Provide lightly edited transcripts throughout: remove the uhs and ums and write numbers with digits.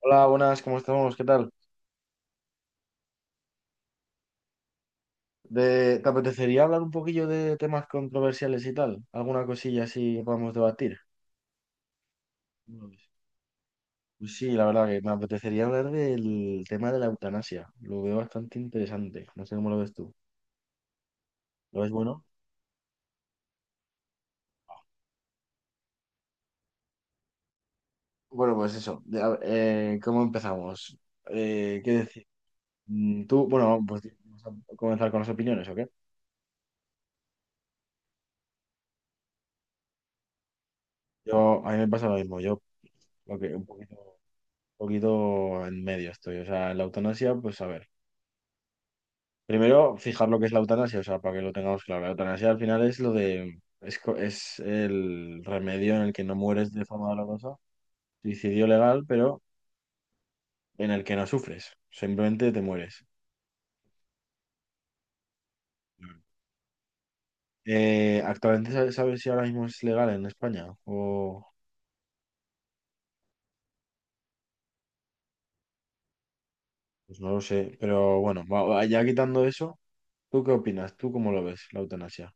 Hola, buenas, ¿cómo estamos? ¿Qué tal? ¿Te apetecería hablar un poquillo de temas controversiales y tal? ¿Alguna cosilla así que podamos debatir? ¿Cómo lo ves? Pues sí, la verdad que me apetecería hablar del tema de la eutanasia. Lo veo bastante interesante. No sé cómo lo ves tú. ¿Lo ves bueno? Bueno, pues eso. ¿Cómo empezamos? ¿Qué decir? Tú, bueno, pues vamos a comenzar con las opiniones, ¿o qué? A mí me pasa lo mismo. Ok, un poquito en medio estoy. O sea, la eutanasia, pues a ver. Primero, fijar lo que es la eutanasia, o sea, para que lo tengamos claro. La eutanasia al final es lo de, es, co- es el remedio en el que no mueres de forma dolorosa, suicidio legal, pero en el que no sufres, simplemente te mueres. Actualmente, ¿sabes si ahora mismo es legal en España? O, pues no lo sé, pero bueno, ya quitando eso, ¿tú qué opinas? ¿Tú cómo lo ves, la eutanasia?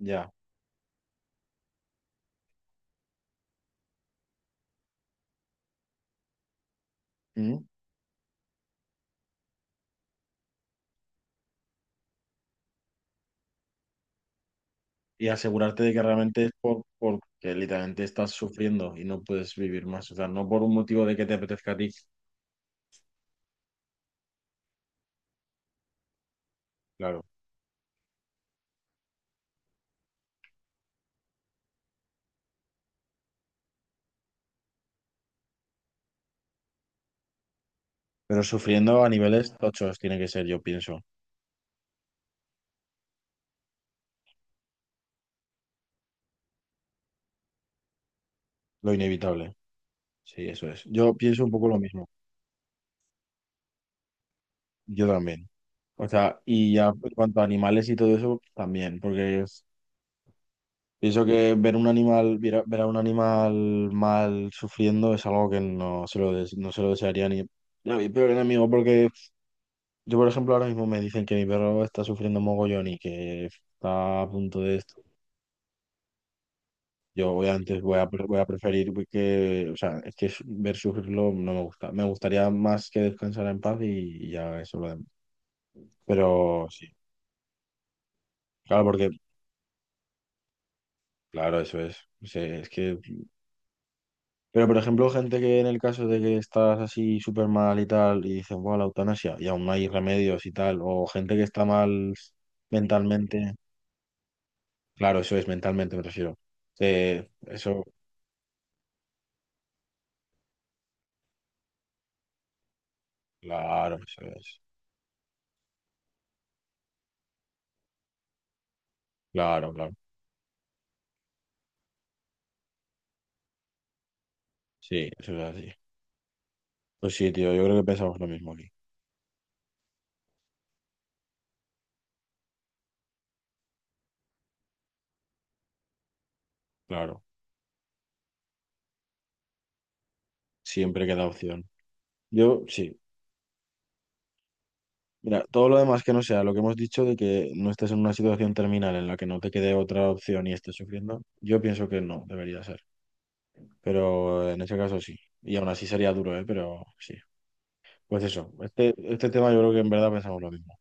Ya. Y asegurarte de que realmente es porque literalmente estás sufriendo y no puedes vivir más. O sea, no por un motivo de que te apetezca a ti, claro. Pero sufriendo a niveles tochos tiene que ser, yo pienso. Lo inevitable. Sí, eso es. Yo pienso un poco lo mismo. Yo también. O sea, y ya en cuanto a animales y todo eso, también. Pienso que ver un animal, ver a un animal mal sufriendo es algo que no se lo desearía ni a mi peor enemigo, porque yo, por ejemplo, ahora mismo me dicen que mi perro está sufriendo mogollón y que está a punto de esto. Yo obviamente voy a preferir que, o sea, ver sufrirlo no me gusta. Me gustaría más que descansara en paz y ya eso lo demás. Pero sí, claro, claro, eso es. O sea, es que, pero por ejemplo, gente que en el caso de que estás así súper mal y tal, y dicen, bueno, la eutanasia, y aún no hay remedios y tal, o gente que está mal mentalmente, claro, eso es mentalmente, me refiero. Eso. Claro, eso es. Claro, claro. Sí, eso es así. Pues sí, tío, yo creo que pensamos lo mismo aquí. Claro, siempre queda opción. Yo, sí. Mira, todo lo demás que no sea lo que hemos dicho de que no estés en una situación terminal en la que no te quede otra opción y estés sufriendo, yo pienso que no, debería ser. Pero en ese caso sí. Y aún así sería duro, ¿eh? Pero sí. Pues eso, este tema yo creo que en verdad pensamos lo mismo.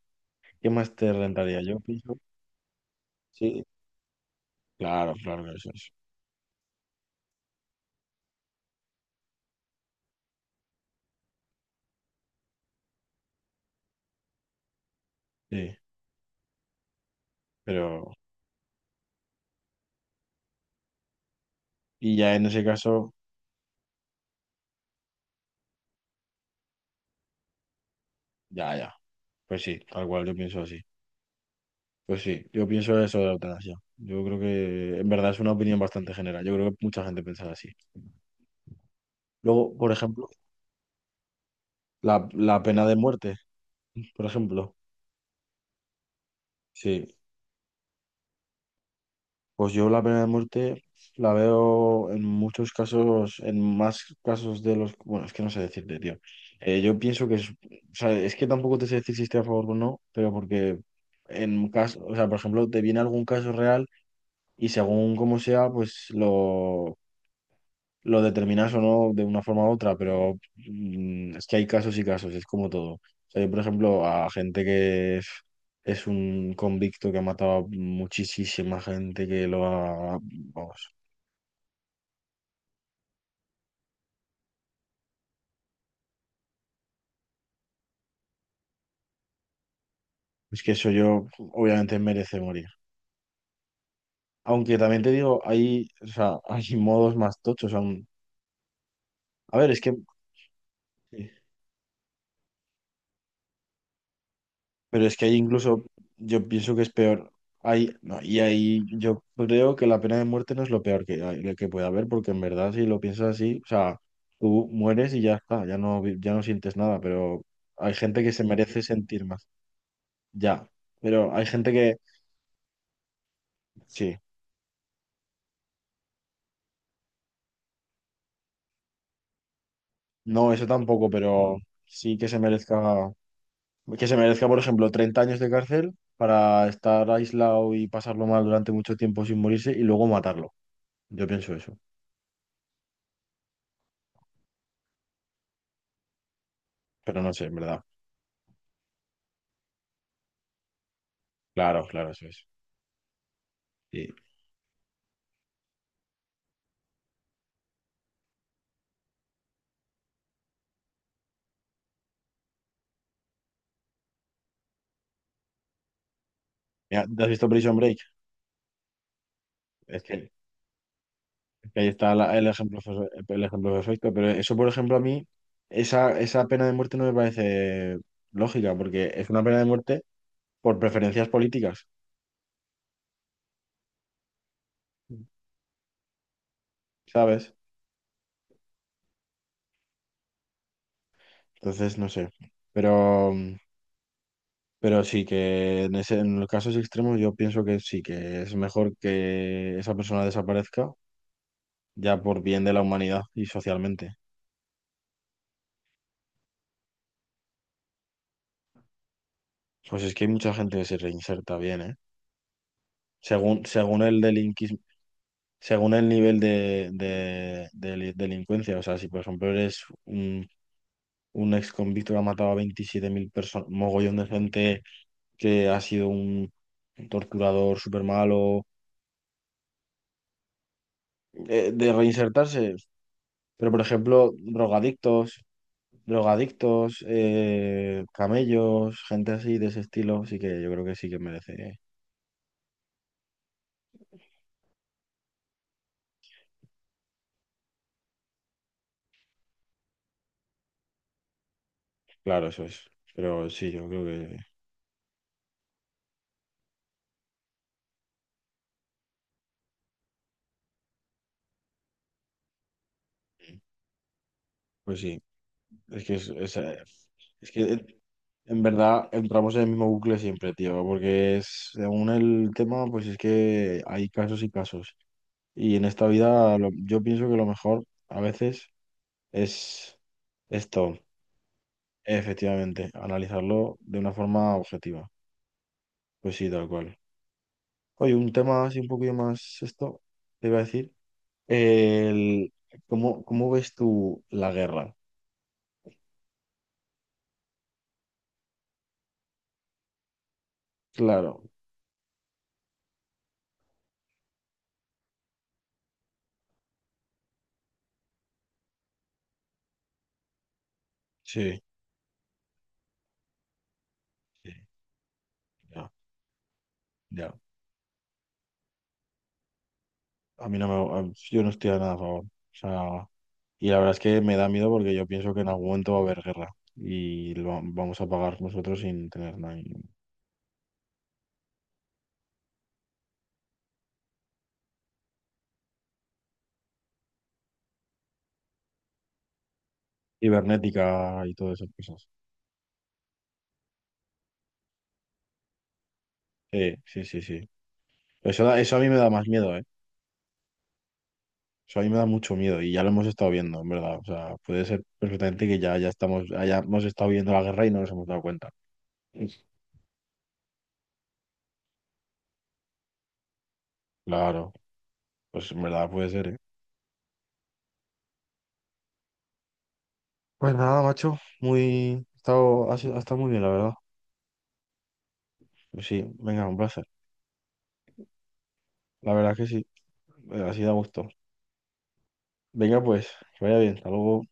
¿Qué más te rentaría? Yo pienso, sí. Claro, claro que eso es. Sí, pero... Y ya en ese caso, ya, ya. Pues sí, tal cual, yo pienso así. Pues sí, yo pienso eso de la eutanasia. Yo creo que en verdad es una opinión bastante general. Yo creo que mucha gente piensa así. Luego, por ejemplo, la pena de muerte, por ejemplo. Sí, pues yo la pena de muerte la veo en muchos casos, en más casos de los... Bueno, es que no sé decirte, tío. Yo pienso que es... O sea, es que tampoco te sé decir si estoy a favor o no, pero porque en caso, o sea, por ejemplo, te viene algún caso real y según como sea, pues lo determinas o no de una forma u otra, pero es que hay casos y casos, es como todo. O sea, yo, por ejemplo, a gente que es un convicto que ha matado a muchísima gente que lo ha... Vamos, es que eso yo obviamente merece morir. Aunque también te digo, hay, o sea, hay modos más tochos aún. A ver, es que pero es que ahí incluso yo pienso que es peor. Ahí, no, y ahí yo creo que la pena de muerte no es lo peor que, que puede haber, porque en verdad si lo piensas así, o sea, tú mueres y ya está, ya no sientes nada, pero hay gente que se merece sentir más, ya. Pero hay gente que, sí, no, eso tampoco, pero sí que se merezca, por ejemplo, 30 años de cárcel para estar aislado y pasarlo mal durante mucho tiempo sin morirse y luego matarlo. Yo pienso eso, pero no sé, en verdad. Claro, claro, eso es. Sí. Mira, ¿te has visto Prison Break? Es que ahí está el ejemplo perfecto, pero eso, por ejemplo, a mí, esa pena de muerte no me parece lógica, porque es una pena de muerte por preferencias políticas, ¿sabes? Entonces, no sé. Pero, pero sí que en los casos extremos yo pienso que sí, que es mejor que esa persona desaparezca ya por bien de la humanidad y socialmente. Pues es que hay mucha gente que se reinserta bien, ¿eh? Según el delinquismo. Según el nivel de delincuencia. O sea, si por ejemplo eres un ex convicto que ha matado a 27.000 personas, mogollón de gente que ha sido un torturador súper malo, de reinsertarse. Pero por ejemplo, drogadictos, camellos, gente así de ese estilo, sí que yo creo que sí que merece. Claro, eso es. Pero sí, yo creo que, pues sí. Es que, es, es, eh, es que en verdad entramos en el mismo bucle siempre, tío, porque es, según el tema, pues es que hay casos y casos. Y en esta vida yo pienso que lo mejor a veces es esto, efectivamente, analizarlo de una forma objetiva. Pues sí, tal cual. Oye, un tema así un poquito más esto, te iba a decir. El, cómo ves tú la guerra? Claro, sí, sí, ya, ya. A mí no me, a- yo no estoy a nada a favor. O sea, y la verdad es que me da miedo porque yo pienso que en algún momento va a haber guerra y vamos a pagar nosotros sin tener nada. Cibernética y todas esas cosas. Sí, sí, sí, sí. Eso a mí me da más miedo, ¿eh? Eso a mí me da mucho miedo y ya lo hemos estado viendo, en verdad. O sea, puede ser perfectamente que ya hayamos estado viendo la guerra y no nos hemos dado cuenta. Claro, pues en verdad puede ser, ¿eh? Pues nada, macho. Ha estado muy bien, la verdad. Pues sí, venga, un placer. La verdad que sí. Bueno, así da gusto. Venga, pues, que vaya bien. Hasta luego.